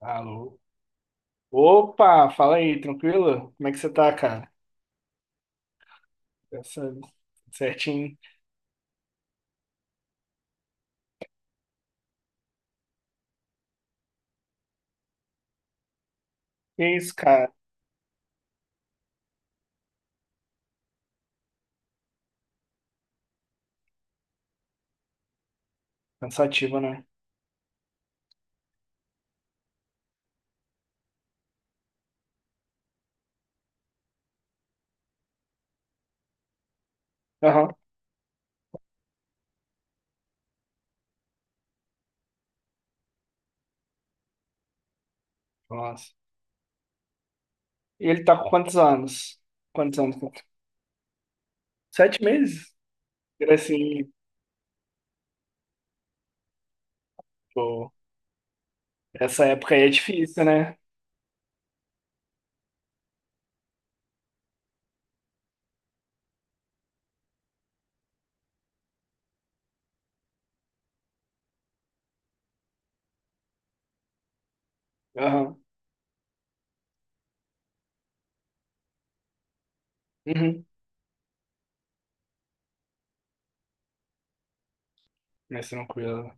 Alô? Opa, fala aí, tranquilo? Como é que você tá, cara? Essa- Certinho. Que isso, cara? Cansativo, né? Aham. Nossa. E ele tá com quantos anos? Quantos anos? 7 meses? Era assim, pô. Essa época aí é difícil, né? Aham. Uhum. Mas tranquilo.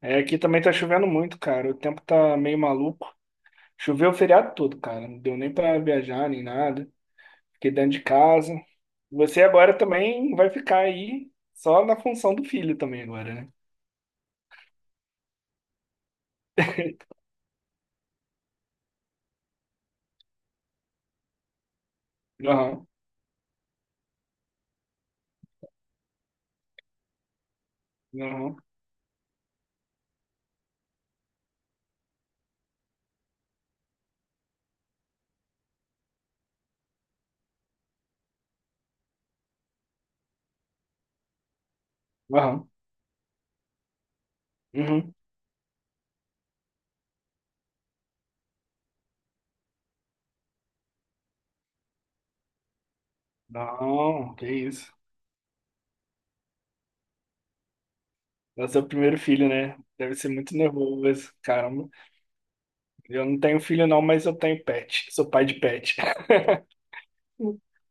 É, aqui também tá chovendo muito, cara. O tempo tá meio maluco. Choveu o feriado todo, cara. Não deu nem pra viajar, nem nada. Fiquei dentro de casa. Você agora também vai ficar aí só na função do filho também agora, né? Aham, aham, aham, uhum. Não, que isso. É o seu primeiro filho, né? Deve ser muito nervoso, caramba. Eu não tenho filho não, mas eu tenho pet. Sou pai de pet.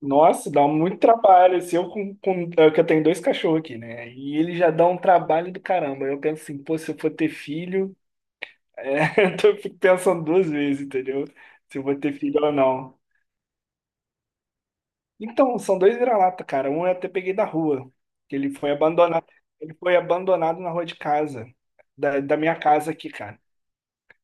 Nossa, dá muito trabalho. Se eu com é que eu tenho dois cachorros aqui, né? E eles já dão um trabalho do caramba. Eu penso assim, pô, se eu for ter filho, é, então eu fico pensando duas vezes, entendeu? Se eu vou ter filho ou não. Então, são dois vira-lata, cara. Um eu até peguei da rua, que ele foi abandonado na rua de casa, da minha casa aqui, cara.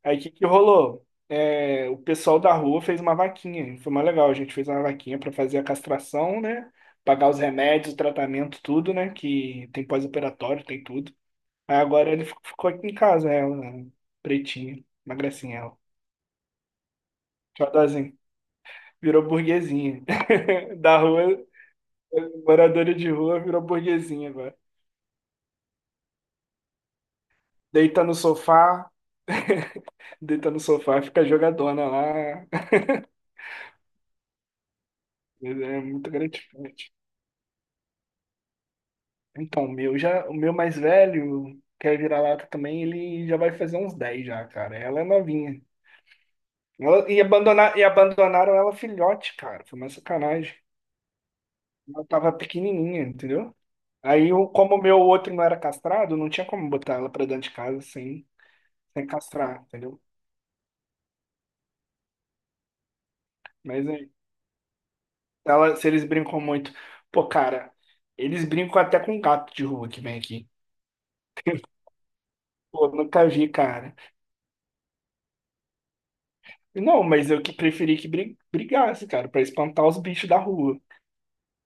Aí o que que rolou? É, o pessoal da rua fez uma vaquinha, foi mais legal. A gente fez uma vaquinha pra fazer a castração, né? Pagar os remédios, o tratamento, tudo, né? Que tem pós-operatório, tem tudo. Aí agora ele ficou aqui em casa, ela, pretinha, uma gracinha, ela. Tchau, virou burguesinha. Da rua, moradora de rua, virou burguesinha agora. Deita no sofá, deita no sofá, fica jogadona lá. É muito gratificante. Então, o meu já, o meu mais velho, que é vira-lata também, ele já vai fazer uns 10 já, cara. Ela é novinha. E abandonaram ela filhote, cara. Foi uma sacanagem. Ela tava pequenininha, entendeu? Aí, como o meu outro não era castrado, não tinha como botar ela pra dentro de casa sem, sem castrar, entendeu? Mas é. Ela, se eles brincam muito. Pô, cara, eles brincam até com gato de rua que vem aqui. Pô, nunca vi, cara. Não, mas eu que preferi que brigasse, cara, pra espantar os bichos da rua.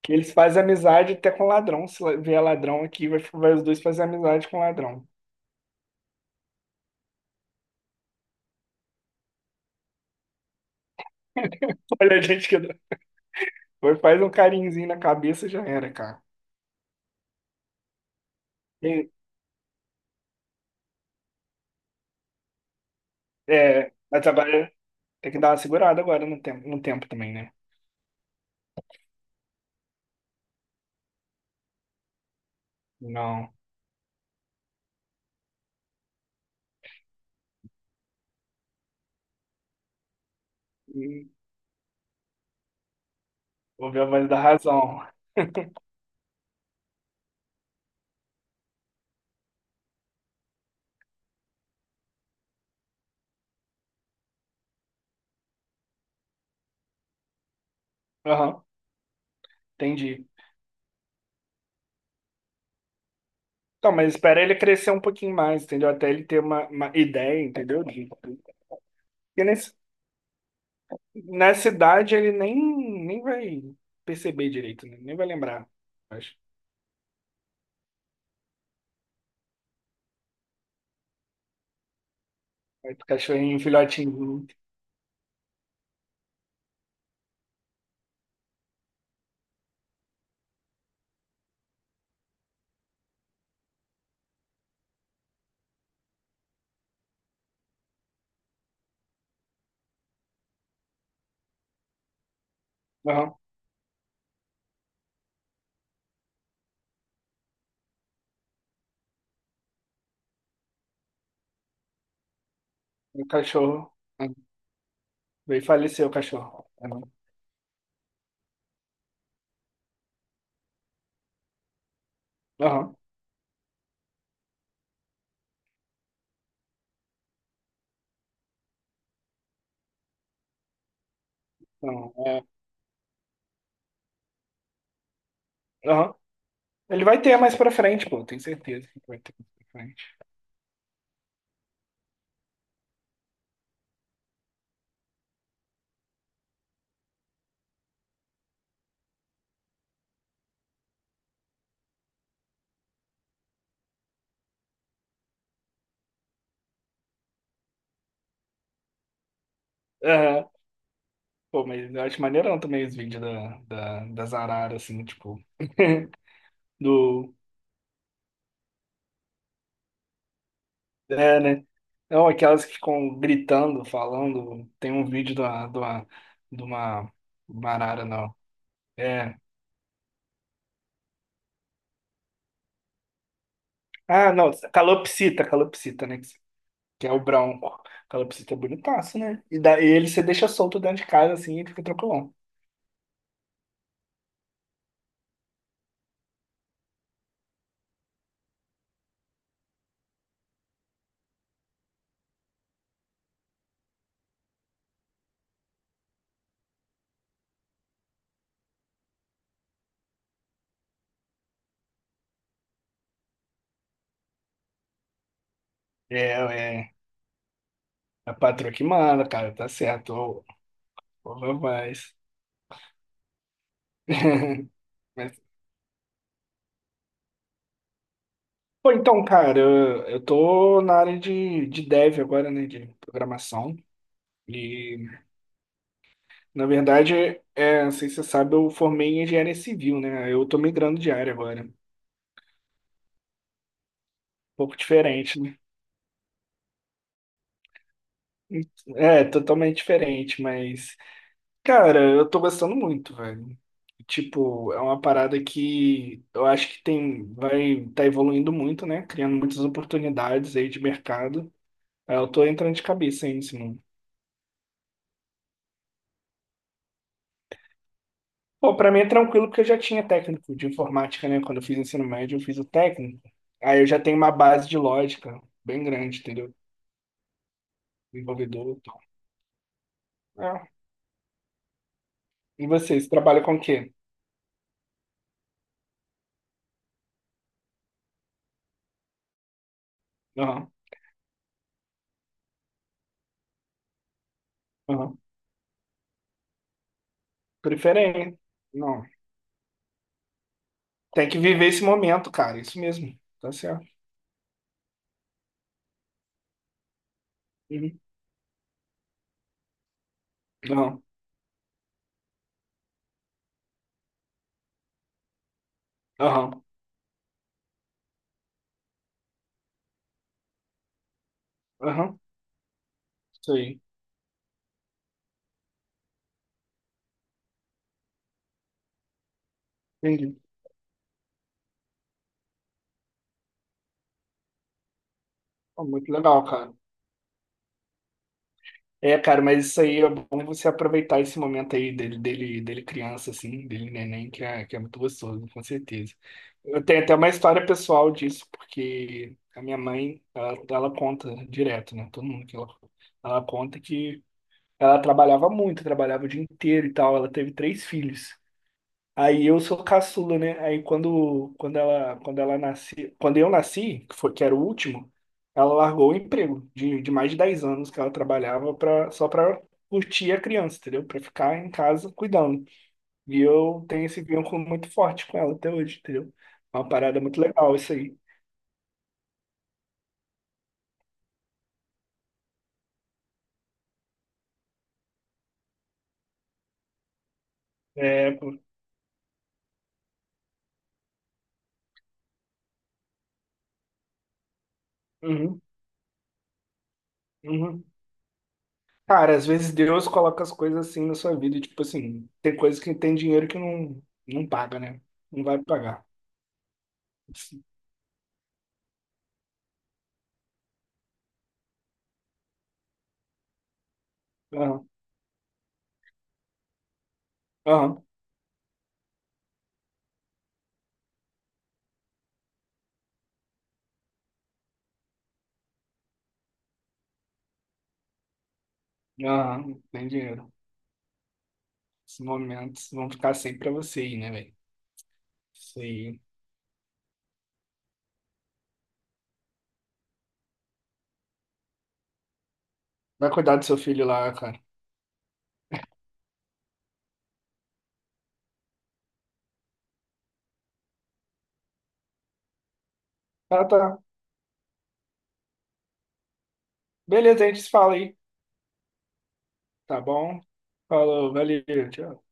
Que eles fazem amizade até com ladrão. Se vier ladrão aqui, vai, vai os dois fazer amizade com ladrão. Olha a gente que. Vai, faz um carinhozinho na cabeça e já era, cara. E- mas agora tem que dar uma segurada agora no tempo, no tempo também, né? Não. Hum, ouvi a voz da razão. Aham, entendi. Então, mas espera ele crescer um pouquinho mais, entendeu? Até ele ter uma ideia, entendeu? Porque nesse, nessa idade ele nem, nem vai perceber direito, né? Nem vai lembrar. Acho. Aí o cachorrinho, um filhotinho. Um, aham. O cachorro. Aham. Veio falecer o cachorro. Aham. Aham. Não, é. Aham. Ele vai ter mais pra frente, pô, tenho certeza que vai ter mais pra frente. Aham. Pô, mas eu acho maneirão também os vídeos das araras, assim, tipo. do É, né? Não, aquelas que ficam gritando, falando. Tem um vídeo de uma barara, não. É. Ah, não, calopsita, calopsita, né? Que é o branco. Calopsita é bonitaço, né? E daí ele você deixa solto dentro de casa assim e fica tranquilão. É, é. É a patroa que manda, cara, tá certo. Ô, ô, rapaz. Mas, pô, então, cara, eu tô na área de dev agora, né? De programação. E na verdade, é, não sei se você sabe, eu formei em engenharia civil, né? Eu tô migrando de área agora. Um pouco diferente, né? É, totalmente diferente, mas, cara, eu tô gostando muito, velho. Tipo, é uma parada que eu acho que tem, vai evoluindo muito, né? Criando muitas oportunidades aí de mercado. Aí eu tô entrando de cabeça aí nesse mundo. Pô, pra mim é tranquilo porque eu já tinha técnico de informática, né? Quando eu fiz ensino médio, eu fiz o técnico. Aí eu já tenho uma base de lógica bem grande, entendeu? Desenvolvedor e tal. Ah, e vocês trabalham com o quê? Aham, aham. Preferência. Não. Tem que viver esse momento, cara. Isso mesmo. Tá certo. Uhum. Aham, aham, aham. Isso aí. Entendi. Pô, muito legal, cara. É, cara, mas isso aí é bom você aproveitar esse momento aí dele criança, assim, dele neném, que é muito gostoso, com certeza. Eu tenho até uma história pessoal disso, porque a minha mãe, ela conta direto, né? Todo mundo que ela conta que ela trabalhava muito, trabalhava o dia inteiro e tal. Ela teve três filhos. Aí eu sou caçula, né? Aí quando eu nasci, que era o último, ela largou o emprego de mais de 10 anos que ela trabalhava pra, só para curtir a criança, entendeu? Para ficar em casa cuidando. E eu tenho esse vínculo muito forte com ela até hoje, entendeu? É uma parada muito legal isso aí. É, pô. Uhum, uhum. Cara, às vezes Deus coloca as coisas assim na sua vida, tipo assim, tem coisas que tem dinheiro que não, não paga, né? Não vai pagar. Assim, aham, aham, aham, tem dinheiro. Esses momentos vão ficar sempre pra você aí, né, velho? Isso aí. Vai cuidar do seu filho lá, cara. Tá, tá. Beleza, a gente se fala aí, tá bom? Falou, valeu, tchau.